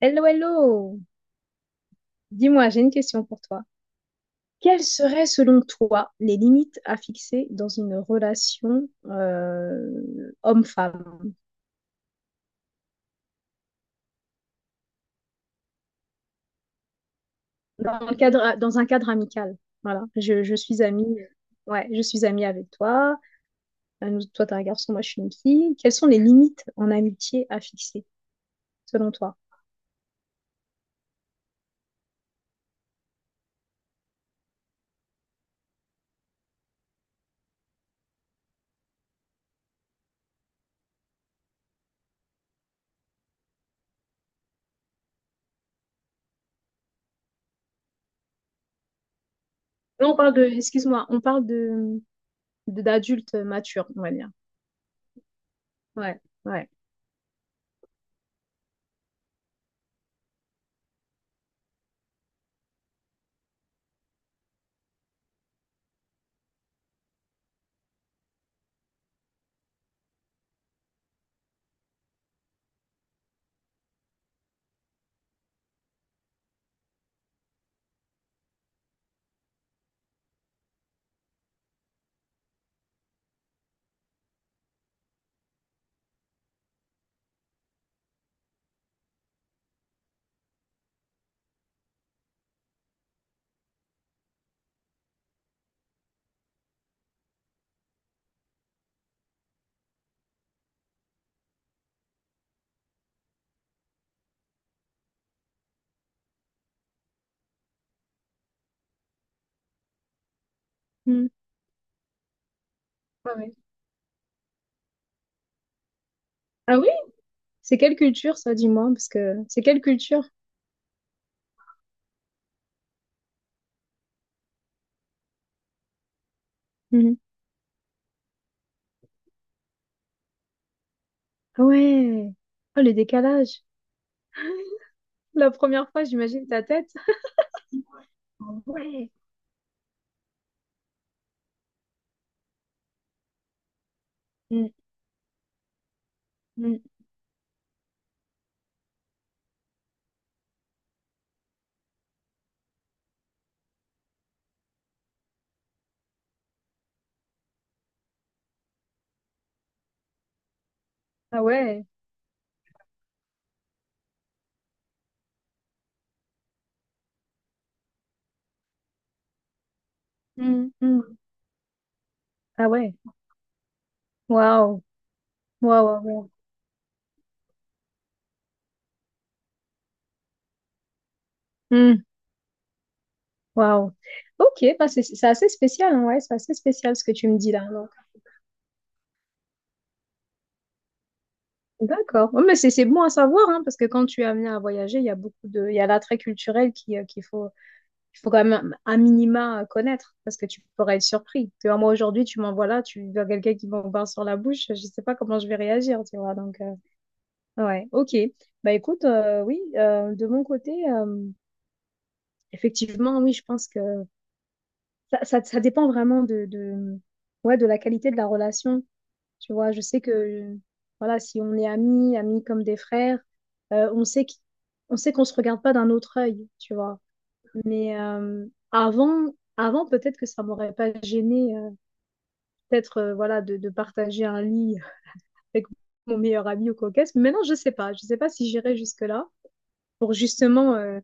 Hello, hello! Dis-moi, j'ai une question pour toi. Quelles seraient, selon toi, les limites à fixer dans une relation homme-femme, dans le cadre, dans un cadre amical? Voilà, je suis amie, ouais, je suis amie avec toi. Toi, t'es un garçon, moi, je suis une fille. Quelles sont les limites en amitié à fixer, selon toi? Là, on parle de, excuse-moi, on parle de, d'adultes matures, on va dire. Ouais, ouais. Hmm. Ouais, ouais. Ah oui? C'est quelle culture, ça, dis-moi, parce que c'est quelle culture? Mhm. Ah ouais. Oh, le décalage. La première fois, j'imagine ta tête. Ah ouais. Mm, mm. Ah ouais. Mm, mm. Ah ouais. Waouh. Waouh. Waouh. Waouh. Mm, waouh. Ok, bah, c'est assez spécial, hein, ouais, c'est assez spécial ce que tu me dis là. Donc. D'accord. Ouais, mais c'est bon à savoir, hein, parce que quand tu es amené à voyager, il y a beaucoup de, il y a l'attrait culturel qui, qu'il faut, il faut quand même un minima connaître parce que tu pourrais être surpris. Tu vois, moi aujourd'hui, tu m'envoies là, tu vois quelqu'un qui m'a sur la bouche, je sais pas comment je vais réagir, tu vois. Donc, ouais, ok. Bah écoute, oui, de mon côté, effectivement, oui, je pense que ça dépend vraiment de, ouais, de la qualité de la relation. Tu vois, je sais que, voilà, si on est amis, amis comme des frères, euh, on sait qu'on on sait qu'on se regarde pas d'un autre œil, tu vois. Mais avant, avant peut-être que ça m'aurait pas gêné, peut-être voilà, de partager un lit avec mon meilleur ami ou coquette. Mais maintenant, je sais pas. Je sais pas si j'irai jusque-là pour justement.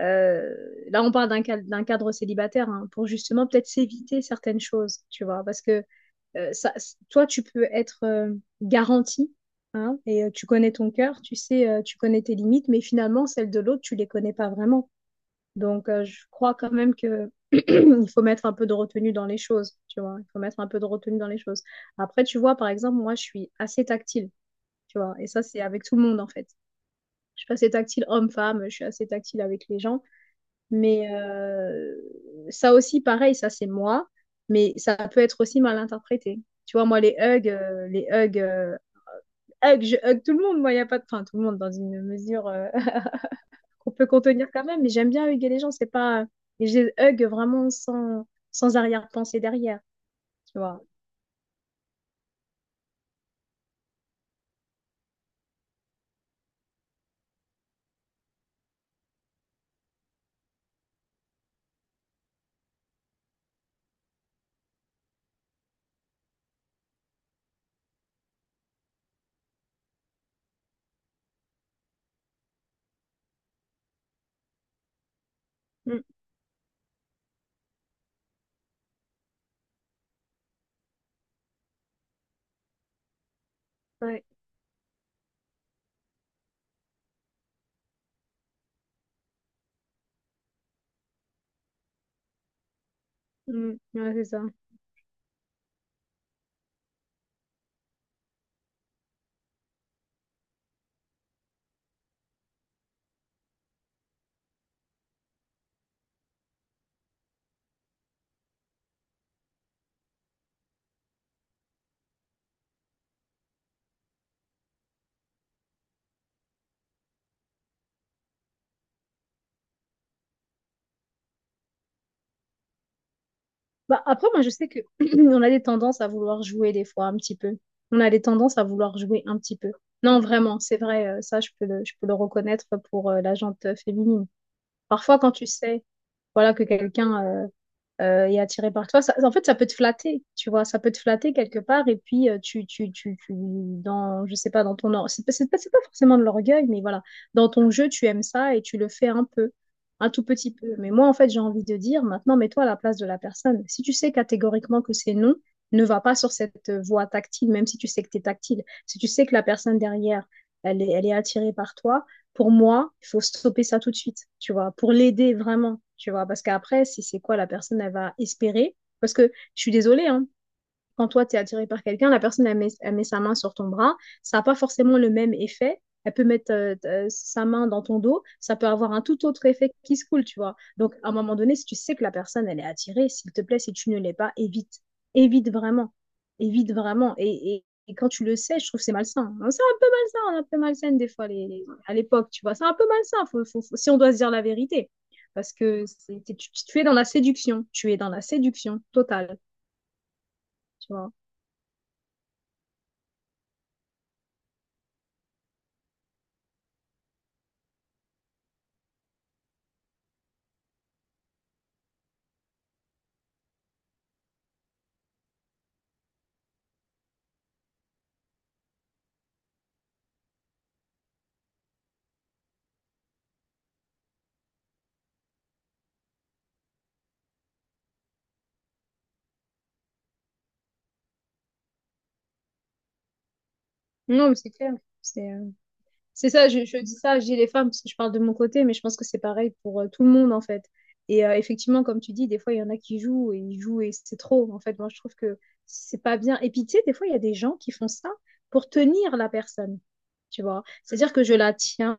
euh, Là, on parle d'un cadre célibataire hein, pour justement peut-être s'éviter certaines choses, tu vois, parce que ça, toi, tu peux être garanti hein, et tu connais ton cœur, tu sais, tu connais tes limites, mais finalement, celles de l'autre, tu les connais pas vraiment. Donc, je crois quand même que il faut mettre un peu de retenue dans les choses, tu vois. Il faut mettre un peu de retenue dans les choses. Après, tu vois, par exemple, moi, je suis assez tactile, tu vois. Et ça, c'est avec tout le monde, en fait. Je suis assez tactile homme-femme, je suis assez tactile avec les gens. Mais ça aussi, pareil, ça, c'est moi. Mais ça peut être aussi mal interprété. Tu vois, moi, les hugs, hugs, je hug tout le monde. Moi, il n'y a pas de... Enfin, tout le monde dans une mesure qu'on peut contenir quand même, mais j'aime bien huguer les gens, c'est pas... Et je les hug vraiment sans, sans arrière-pensée derrière, tu vois. Mm, ouais, mm, ouais, c'est ça. Bah, après, moi, je sais que on a des tendances à vouloir jouer des fois un petit peu. On a des tendances à vouloir jouer un petit peu. Non, vraiment, c'est vrai, ça, je peux le reconnaître pour la gente féminine. Parfois, quand tu sais, voilà, que quelqu'un... et attiré par toi. Ça- en fait, ça peut te flatter, tu vois, ça peut te flatter quelque part, et puis dans, je sais pas, dans ton, c'est pas, c'est pas forcément de l'orgueil, mais voilà, dans ton jeu, tu aimes ça et tu le fais un peu, un tout petit peu. Mais moi, en fait, j'ai envie de dire, maintenant, mets-toi à la place de la personne. Si tu sais catégoriquement que c'est non, ne va pas sur cette voie tactile, même si tu sais que t'es tactile. Si tu sais que la personne derrière, elle est attirée par toi, pour moi, il faut stopper ça tout de suite, tu vois, pour l'aider vraiment, tu vois, parce qu'après, c'est quoi la personne, elle va espérer. Parce que je suis désolée, hein, quand toi, tu es attiré par quelqu'un, la personne, elle met sa main sur ton bras. Ça n'a pas forcément le même effet. Elle peut mettre sa main dans ton dos. Ça peut avoir un tout autre effet qui se coule, tu vois. Donc, à un moment donné, si tu sais que la personne, elle est attirée, s'il te plaît, si tu ne l'es pas, évite. Évite vraiment. Évite vraiment. Et quand tu le sais, je trouve que c'est malsain. C'est un peu malsain, on est un peu malsaine des fois les, à l'époque, tu vois. C'est un peu malsain, si on doit se dire la vérité. Parce que c'est- tu es dans la séduction. Tu es dans la séduction totale, tu vois. Non, mais c'est clair. C'est, euh, c'est ça, je dis ça, je dis les femmes parce que je parle de mon côté, mais je pense que c'est pareil pour tout le monde en fait. Et effectivement, comme tu dis, des fois il y en a qui jouent et ils jouent et c'est trop. En fait, moi je trouve que c'est pas bien. Et puis tu sais, des fois il y a des gens qui font ça pour tenir la personne, tu vois. C'est-à-dire que je la tiens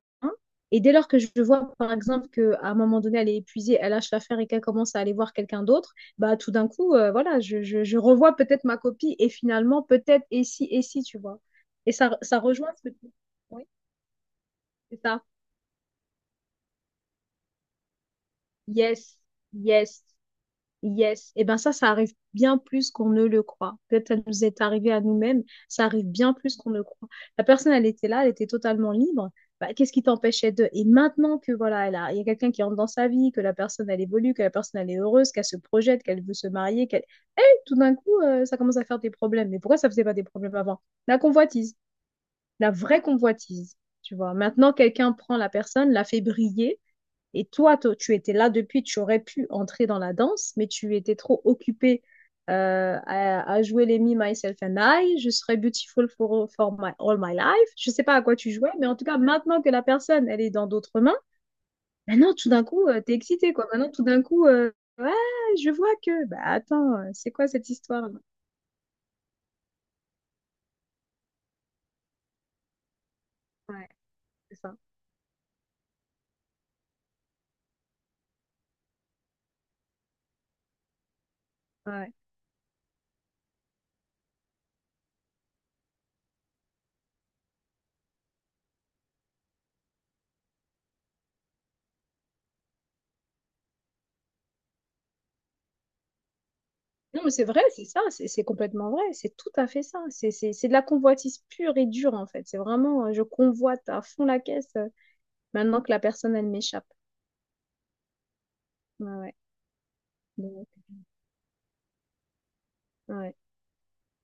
et dès lors que je vois par exemple qu'à un moment donné elle est épuisée, elle lâche l'affaire et qu'elle commence à aller voir quelqu'un d'autre, bah tout d'un coup, voilà, je revois peut-être ma copie et finalement peut-être et si, tu vois. Et ça rejoint ce que tu. Oui. C'est ça. Yes, yes, yes. Et ben ça arrive bien plus qu'on ne le croit. Peut-être ça nous est arrivé à nous-mêmes, ça arrive bien plus qu'on ne le croit. La personne, elle était là, elle était totalement libre. Bah, qu'est-ce qui t'empêchait de... Et maintenant que voilà, elle a, il y a quelqu'un qui entre dans sa vie, que la personne, elle évolue, que la personne, elle est heureuse, qu'elle se projette, qu'elle veut se marier, qu'elle... Tout d'un coup, ça commence à faire des problèmes. Mais pourquoi ça faisait pas des problèmes avant? La convoitise, la vraie convoitise. Tu vois, maintenant, quelqu'un prend la personne, la fait briller. Et toi, toi, tu étais là depuis, tu aurais pu entrer dans la danse, mais tu étais trop occupée à jouer les Me, Myself and I, je serais beautiful for, for my, all my life. Je sais pas à quoi tu jouais, mais en tout cas, maintenant que la personne, elle est dans d'autres mains, maintenant, tout d'un coup, tu t'es excité, quoi. Maintenant, tout d'un coup, ouais, je vois que, bah attends, c'est quoi cette histoire? Ouais, c'est ça. Ouais. Non, mais c'est vrai, c'est ça, c'est complètement vrai, c'est tout à fait ça. C'est de la convoitise pure et dure, en fait. C'est vraiment, je convoite à fond la caisse. Maintenant que la personne, elle m'échappe. Ouais, ouais. Donc, ouais.